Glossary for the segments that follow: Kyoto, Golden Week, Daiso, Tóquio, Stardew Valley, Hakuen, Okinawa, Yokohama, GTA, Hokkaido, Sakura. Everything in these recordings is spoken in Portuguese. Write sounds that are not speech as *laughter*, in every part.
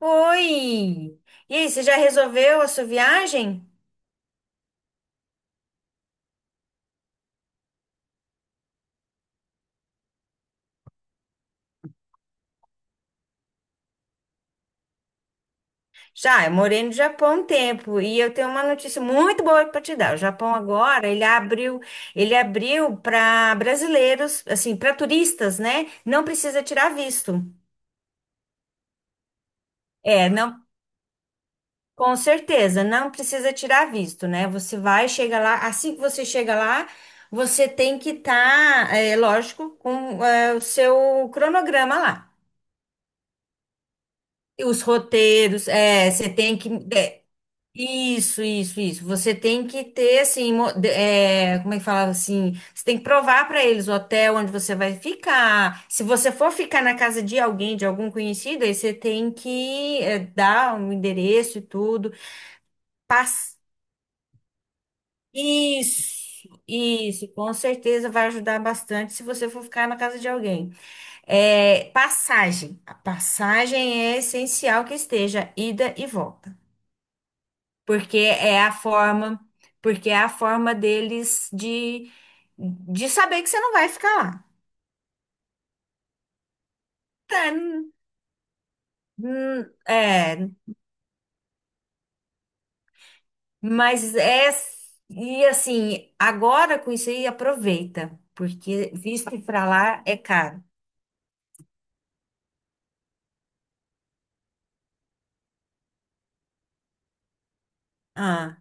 Oi! E aí, você já resolveu a sua viagem? Já, eu morei no Japão um tempo e eu tenho uma notícia muito boa para te dar. O Japão agora, ele abriu para brasileiros, assim, para turistas, né? Não precisa tirar visto. É, não, com certeza, não precisa tirar visto, né? Você vai, chega lá, assim que você chega lá, você tem que estar, é lógico, com o seu cronograma lá. E os roteiros, você tem que. é, Isso, isso, isso. Você tem que ter, assim, como é que falava assim? Você tem que provar para eles o hotel onde você vai ficar. Se você for ficar na casa de alguém, de algum conhecido, aí você tem que dar um endereço e tudo. Pass... Isso, isso. Com certeza vai ajudar bastante se você for ficar na casa de alguém. É, passagem. A passagem é essencial que esteja ida e volta. Porque é a forma, porque é a forma deles de saber que você não vai ficar lá. Tá. Hum. É, mas e assim, agora com isso aí aproveita, porque visto pra lá é caro. Ah,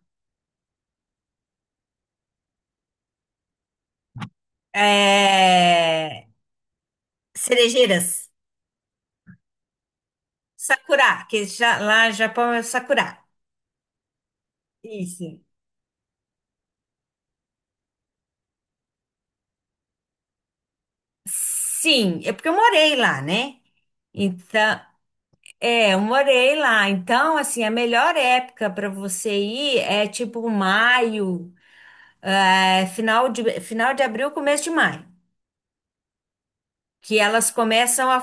é, cerejeiras, Sakura, que já, lá no Japão é Sakura. Isso. Sim, é porque eu morei lá, né? Então, eu morei lá. Então, assim, a melhor época para você ir é tipo maio, final de abril, começo de maio, que elas começam a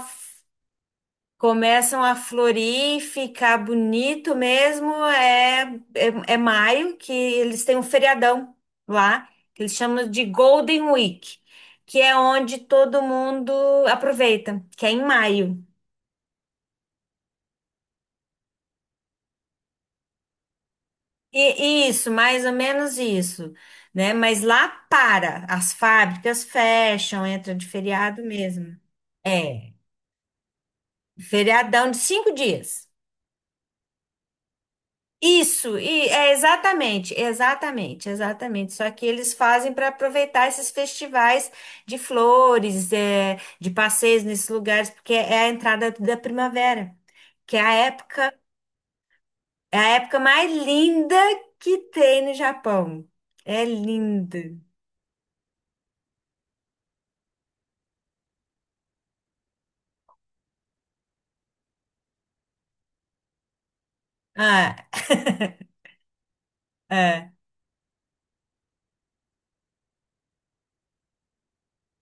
começam a florir, ficar bonito mesmo. É maio que eles têm um feriadão lá, que eles chamam de Golden Week, que é onde todo mundo aproveita, que é em maio. Isso, mais ou menos isso, né? Mas lá para, as fábricas fecham, entra de feriado mesmo. É, feriadão de 5 dias. Isso, e é exatamente, exatamente, exatamente. Só que eles fazem para aproveitar esses festivais de flores, de passeios nesses lugares, porque é a entrada da primavera, que é a época mais linda que tem no Japão. É linda. Ah, *laughs* é.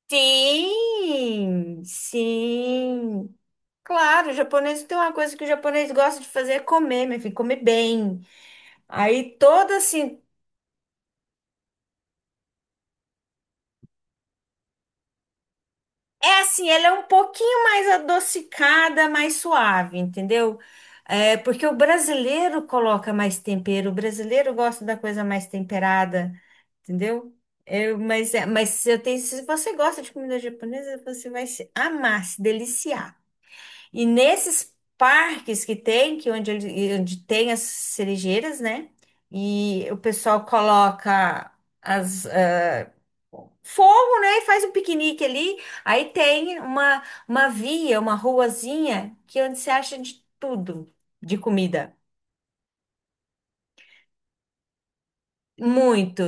Sim, sim. Claro, o japonês tem uma coisa que o japonês gosta de fazer é comer, meu filho, comer bem. Aí toda assim, é assim, ela é um pouquinho mais adocicada, mais suave, entendeu? É, porque o brasileiro coloca mais tempero, o brasileiro gosta da coisa mais temperada, entendeu? Mas eu tenho, se você gosta de comida japonesa, você vai se amar, se deliciar. E nesses parques que tem, que é onde, onde tem as cerejeiras, né? E o pessoal coloca as ah, fogo, né? E faz um piquenique ali. Aí tem uma via, uma ruazinha, que é onde você acha de tudo de comida. Muito.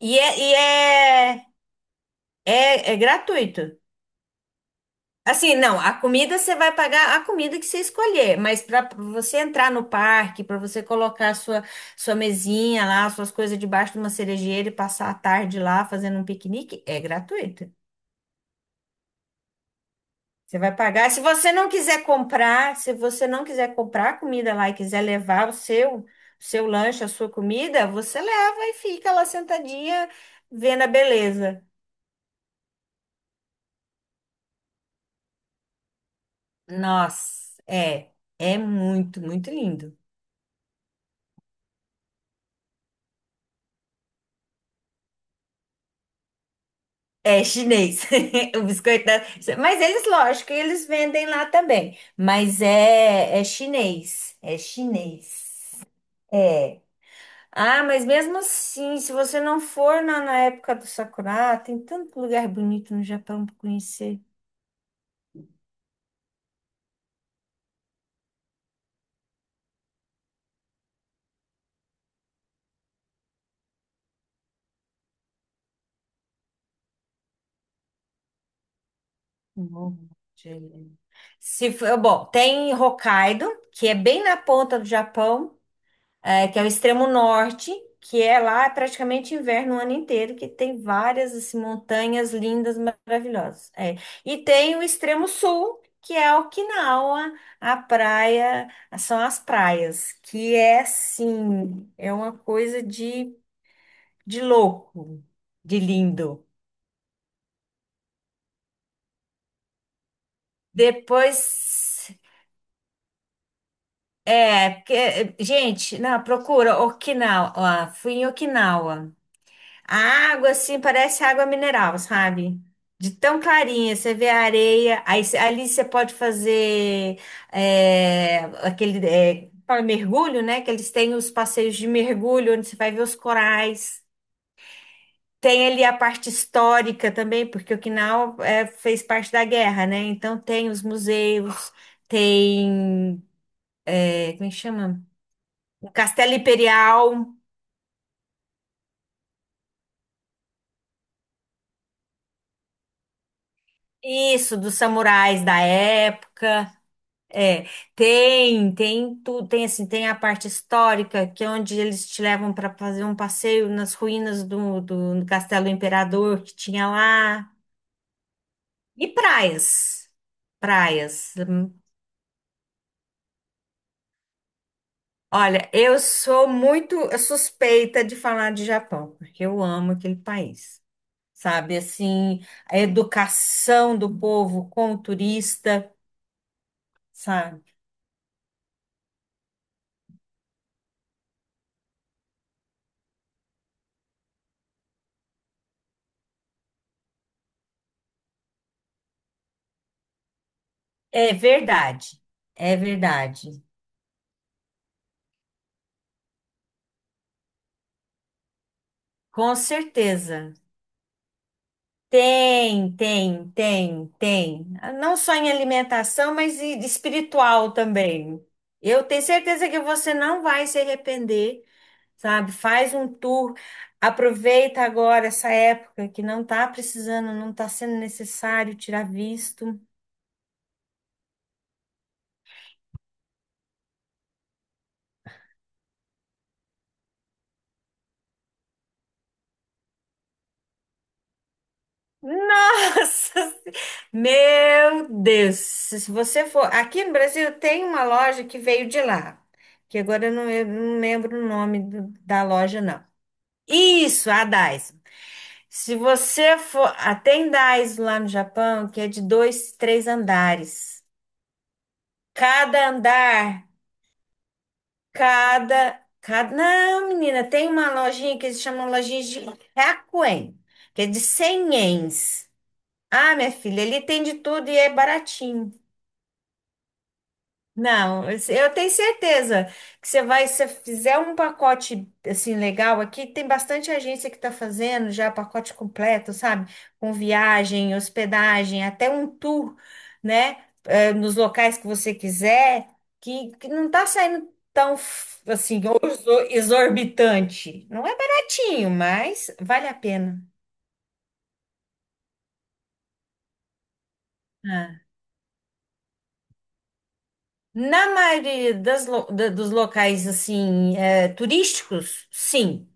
E é, e é, é gratuito. Assim, não, a comida você vai pagar a comida que você escolher, mas para você entrar no parque, para você colocar a sua mesinha lá, suas coisas debaixo de uma cerejeira e passar a tarde lá fazendo um piquenique, é gratuito. Você vai pagar. Se você não quiser comprar a comida lá e quiser levar o seu lanche, a sua comida, você leva e fica lá sentadinha vendo a beleza. Nossa, é muito, muito lindo. É chinês. *laughs* O biscoito da... Mas eles, lógico, eles vendem lá também. Mas é chinês. É chinês. É. Ah, mas mesmo assim, se você não for na época do Sakura, tem tanto lugar bonito no Japão para conhecer. Morro de Helena. Se for, bom, tem Hokkaido, que é bem na ponta do Japão. É, que é o extremo norte, que é lá praticamente inverno o ano inteiro, que tem várias assim, montanhas lindas, maravilhosas. É. E tem o extremo sul, que é Okinawa, a praia, são as praias, que é assim, é uma coisa de louco, de lindo. Depois, porque, gente, não, procura Okinawa, fui em Okinawa. A água, assim, parece água mineral, sabe? De tão clarinha, você vê a areia, aí ali você pode fazer aquele fala mergulho, né? Que eles têm os passeios de mergulho, onde você vai ver os corais. Tem ali a parte histórica também, porque Okinawa fez parte da guerra, né? Então tem os museus, tem, como é que chama? O Castelo Imperial, isso, dos samurais da época. É, tem tudo, tem assim, tem a parte histórica, que é onde eles te levam para fazer um passeio nas ruínas do Castelo Imperador que tinha lá. E praias. Praias. Hum. Olha, eu sou muito suspeita de falar de Japão, porque eu amo aquele país. Sabe, assim, a educação do povo com o turista, sabe? É verdade. É verdade. Com certeza. Tem, tem, tem, tem. Não só em alimentação, mas e espiritual também. Eu tenho certeza que você não vai se arrepender, sabe? Faz um tour, aproveita agora essa época que não tá precisando, não tá sendo necessário tirar visto. *laughs* Nossa, meu Deus! Se você for, aqui no Brasil tem uma loja que veio de lá, que agora eu não lembro o nome da loja, não. Isso, a Daiso. Se você for. Tem Daiso lá no Japão que é de dois, três andares. Cada andar. Não, menina, tem uma lojinha que eles chamam lojinha de Hakuen, que é de 100 ienes. Ah, minha filha, ele tem de tudo e é baratinho. Não, eu tenho certeza que você vai, se você fizer um pacote assim legal aqui, tem bastante agência que está fazendo já pacote completo, sabe? Com viagem, hospedagem, até um tour, né? Nos locais que você quiser, que não tá saindo tão assim, exorbitante. Não é baratinho, mas vale a pena. Ah. Na maioria das dos locais assim, turísticos, sim.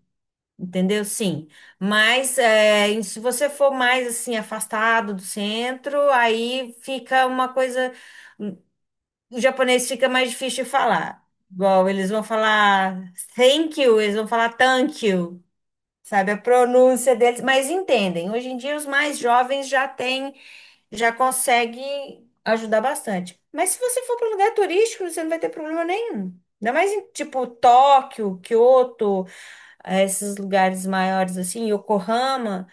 Entendeu? Sim. Mas e se você for mais assim afastado do centro, aí fica uma coisa. O japonês fica mais difícil de falar. Igual eles vão falar thank you, eles vão falar thank you, sabe? A pronúncia deles. Mas entendem. Hoje em dia os mais jovens já têm, já conseguem ajudar bastante. Mas se você for para um lugar turístico, você não vai ter problema nenhum. Ainda mais em tipo Tóquio, Kyoto a esses lugares maiores assim, Yokohama,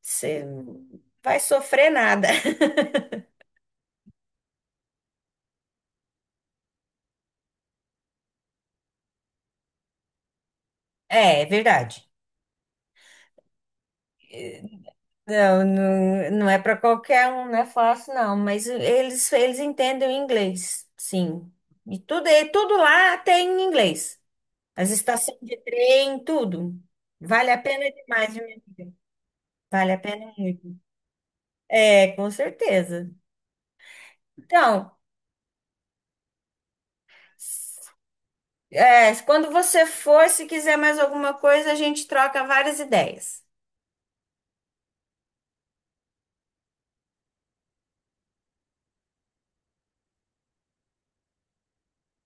você vai sofrer nada. *laughs* É, é verdade. Não, não, não é para qualquer um, não é fácil, não, mas eles entendem o inglês, sim. E tudo lá tem inglês. As estações de trem, tudo. Vale a pena demais, viu? Vale a pena muito. É, com certeza. Então, s- quando você for, se quiser mais alguma coisa, a gente troca várias ideias.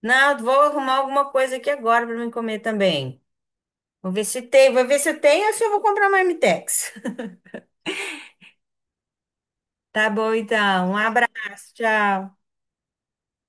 Não, vou arrumar alguma coisa aqui agora para me comer também. Vou ver se tem ou se eu vou comprar marmitex. *laughs* Tá bom, então. Um abraço, tchau.